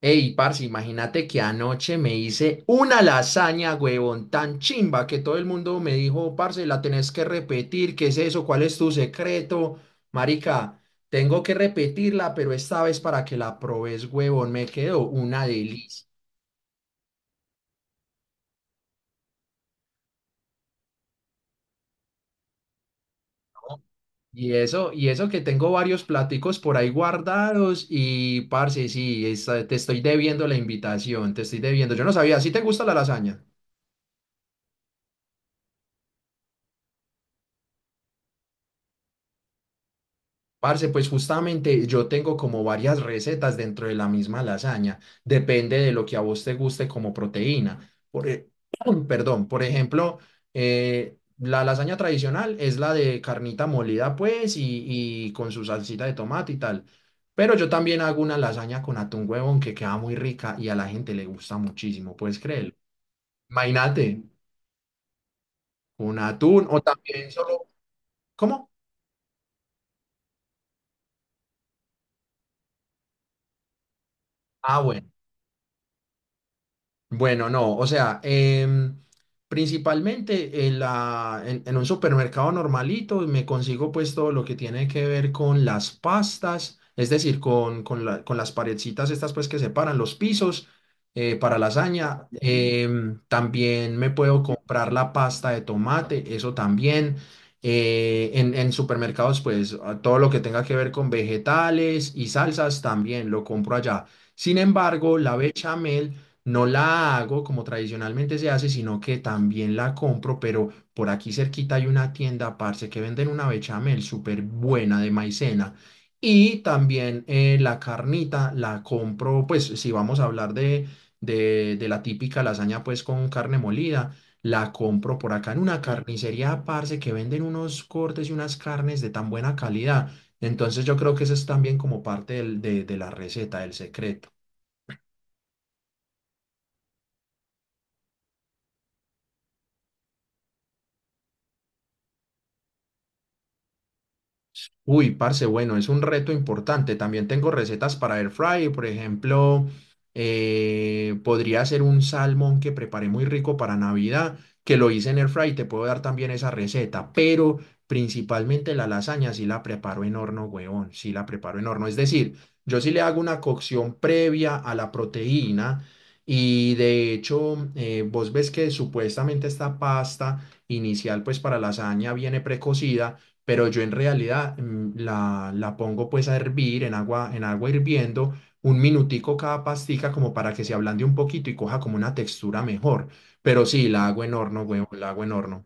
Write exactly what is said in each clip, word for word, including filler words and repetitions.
Ey, parce, imagínate que anoche me hice una lasaña, huevón, tan chimba que todo el mundo me dijo, parce, la tenés que repetir, ¿qué es eso? ¿Cuál es tu secreto? Marica, tengo que repetirla, pero esta vez para que la probes, huevón, me quedó una delicia. ¿No? Y eso, y eso que tengo varios platicos por ahí guardados y, parce, sí, esta- te estoy debiendo la invitación, te estoy debiendo. Yo no sabía, ¿sí te gusta la lasaña? Parce, pues justamente yo tengo como varias recetas dentro de la misma lasaña. Depende de lo que a vos te guste como proteína. Por, e- perdón, por ejemplo, eh, la lasaña tradicional es la de carnita molida, pues, y, y con su salsita de tomate y tal. Pero yo también hago una lasaña con atún, huevón, que queda muy rica y a la gente le gusta muchísimo, ¿puedes creerlo? Imagínate, con atún o también solo. ¿Cómo? Ah, bueno. Bueno, no, o sea, em, principalmente en la, en, en un supermercado normalito me consigo pues todo lo que tiene que ver con las pastas, es decir, con, con la- con las paredcitas estas pues que separan los pisos, eh, para lasaña. Em, también me puedo comprar la pasta de tomate, eso también. Eh, en, en supermercados pues a todo lo que tenga que ver con vegetales y salsas también lo compro allá. Sin embargo, la bechamel no la hago como tradicionalmente se hace, sino que también la compro, pero por aquí cerquita hay una tienda, parce, que venden una bechamel súper buena de maicena. Y también, eh, la carnita la compro, pues si vamos a hablar de, de, de la típica lasaña, pues con carne molida, la compro por acá en una carnicería, parce, que venden unos cortes y unas carnes de tan buena calidad. Entonces yo creo que eso es también como parte del- de, de la receta, del secreto. Uy, parce, bueno, es un reto importante. También tengo recetas para air fry, por ejemplo, eh, podría hacer un salmón que preparé muy rico para Navidad, que lo hice en air fry, te puedo dar también esa receta, pero principalmente la lasaña sí la preparo en horno, huevón, sí la preparo en horno. Es decir, yo sí le hago una cocción previa a la proteína y de hecho, eh, vos ves que supuestamente esta pasta inicial pues para lasaña viene precocida, pero yo en realidad mm, la, la pongo pues a hervir en agua, en agua hirviendo un minutico cada pastica como para que se ablande un poquito y coja como una textura mejor. Pero sí, la hago en horno, huevo, la hago en horno.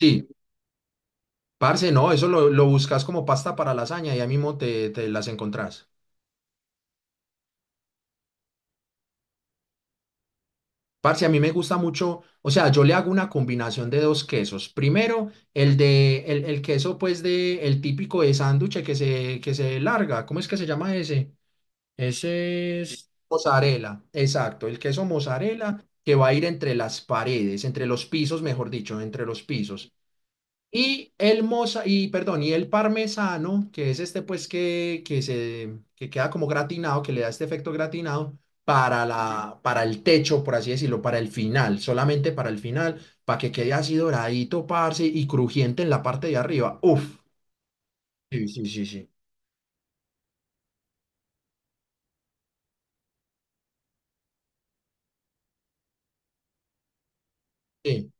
Sí, parce, no, eso lo, lo buscas como pasta para lasaña y ahí mismo te, te las encontrás. Parce, a mí me gusta mucho, o sea, yo le hago una combinación de dos quesos. Primero, el de, el, el queso pues, de, el típico de sándwich que se, que se larga, ¿cómo es que se llama ese? Ese es mozzarella, exacto, el queso mozzarella que va a ir entre las paredes, entre los pisos, mejor dicho, entre los pisos. Y el moza, y perdón, y el parmesano, que es este pues que, que se que queda como gratinado, que le da este efecto gratinado para la para el techo, por así decirlo, para el final, solamente para el final, para que quede así doradito, parce, y crujiente en la parte de arriba. Uf. Sí, sí, sí, sí. Sí.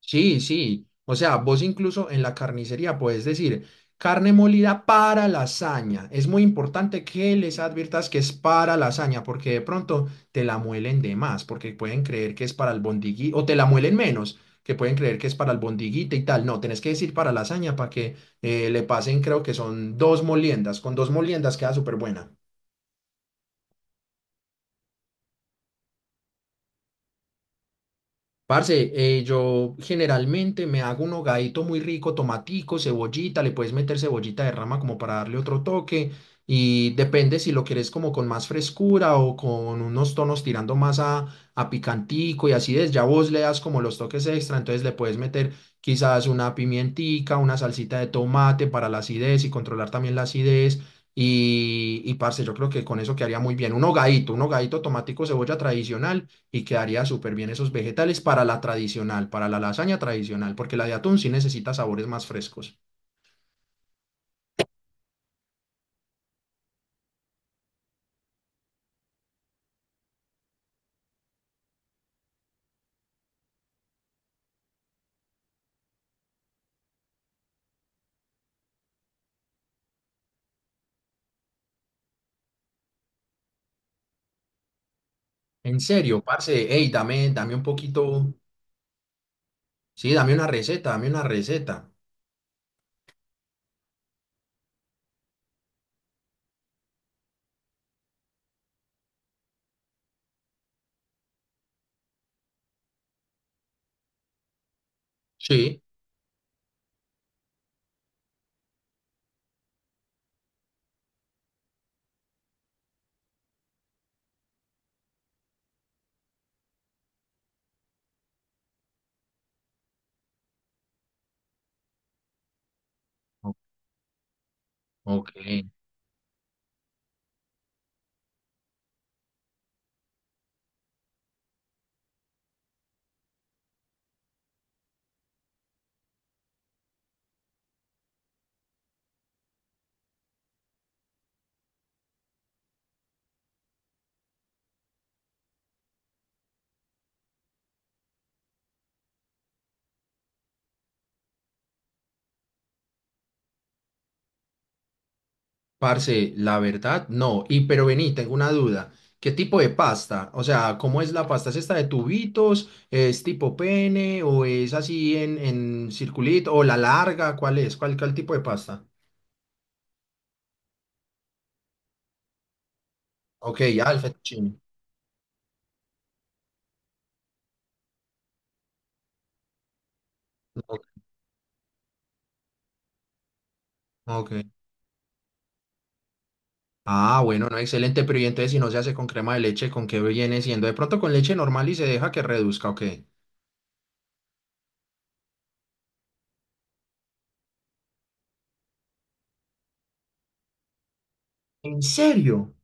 Sí, sí. O sea, vos incluso en la carnicería puedes decir carne molida para lasaña. Es muy importante que les adviertas que es para lasaña, porque de pronto te la muelen de más, porque pueden creer que es para el bondigui, o te la muelen menos, que pueden creer que es para el bondigüita y tal. No, tenés que decir para lasaña para que, eh, le pasen, creo que son dos moliendas. Con dos moliendas queda súper buena. Parce, eh, yo generalmente me hago un hogadito muy rico, tomatico, cebollita, le puedes meter cebollita de rama como para darle otro toque, y depende si lo quieres como con más frescura o con unos tonos tirando más a, a picantico, y así es, ya vos le das como los toques extra, entonces le puedes meter quizás una pimientica, una salsita de tomate para la acidez y controlar también la acidez, y, y parce, yo creo que con eso quedaría muy bien, un hogadito, un hogadito tomatico, cebolla tradicional, y quedaría súper bien esos vegetales para la tradicional, para la lasaña tradicional, porque la de atún sí necesita sabores más frescos. En serio, parce, hey, dame, dame un poquito, sí, dame una receta, dame una receta. Sí. O- Ok. Parce, la verdad, no. Y pero vení, tengo una duda. ¿Qué tipo de pasta? O sea, ¿cómo es la pasta? ¿Es esta de tubitos? ¿Es tipo pene? ¿O es así en, en circulito? ¿O la larga? ¿Cuál es? ¿Cuál, cuál tipo de pasta? Ok, ya, el fettuccine. Ok. Ok. Ah, bueno, no, excelente, pero y entonces si no se hace con crema de leche, ¿con qué viene siendo? De pronto con leche normal y se deja que reduzca, ¿o qué? ¿En serio?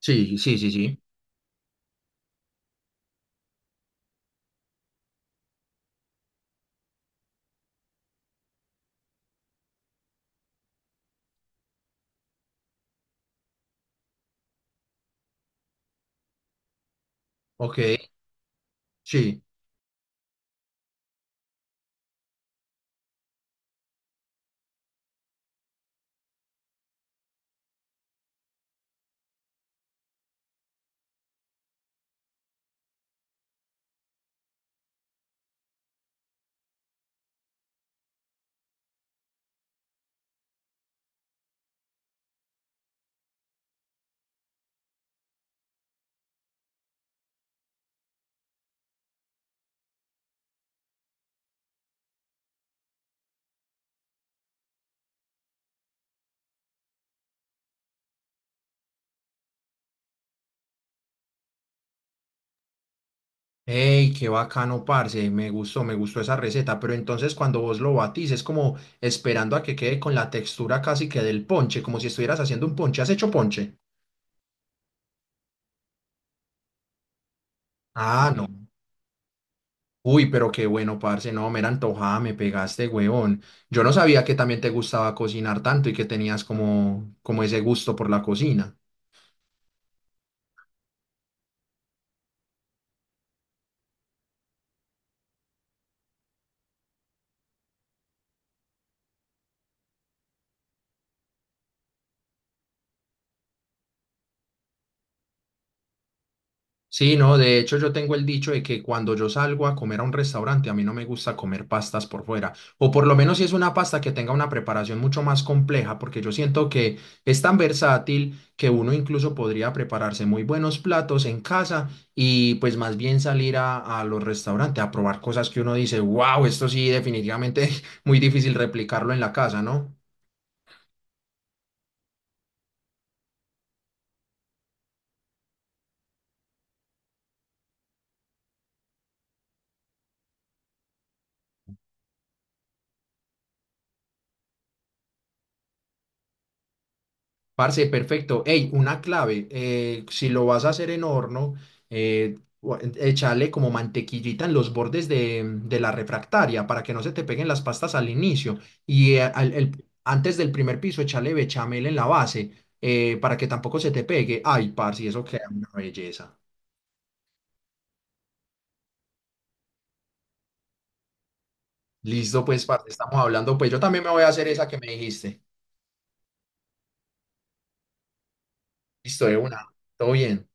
Sí, sí, sí, sí. Ok, sí. Ey, qué bacano, parce, me gustó, me gustó esa receta, pero entonces cuando vos lo batís es como esperando a que quede con la textura casi que del ponche, como si estuvieras haciendo un ponche. ¿Has hecho ponche? Ah, no. Uy, pero qué bueno, parce, no, mera antojada, me pegaste, huevón. Yo no sabía que también te gustaba cocinar tanto y que tenías como, como ese gusto por la cocina. Sí, no, de hecho yo tengo el dicho de que cuando yo salgo a comer a un restaurante, a mí no me gusta comer pastas por fuera, o por lo menos si es una pasta que tenga una preparación mucho más compleja, porque yo siento que es tan versátil que uno incluso podría prepararse muy buenos platos en casa, y pues más bien salir a, a los restaurantes a probar cosas que uno dice, wow, esto sí definitivamente es muy difícil replicarlo en la casa, ¿no? Parce, perfecto. Ey, una clave, eh, si lo vas a hacer en horno, eh, o- échale como mantequillita en los bordes de, de la refractaria para que no se te peguen las pastas al inicio. Y eh, al- el- antes del primer piso, échale bechamel en la base, eh, para que tampoco se te pegue. Ay, parce, eso queda una belleza. Listo, pues, parce, estamos hablando. Pues yo también me voy a hacer esa que me dijiste. Listo, de una. Todo bien.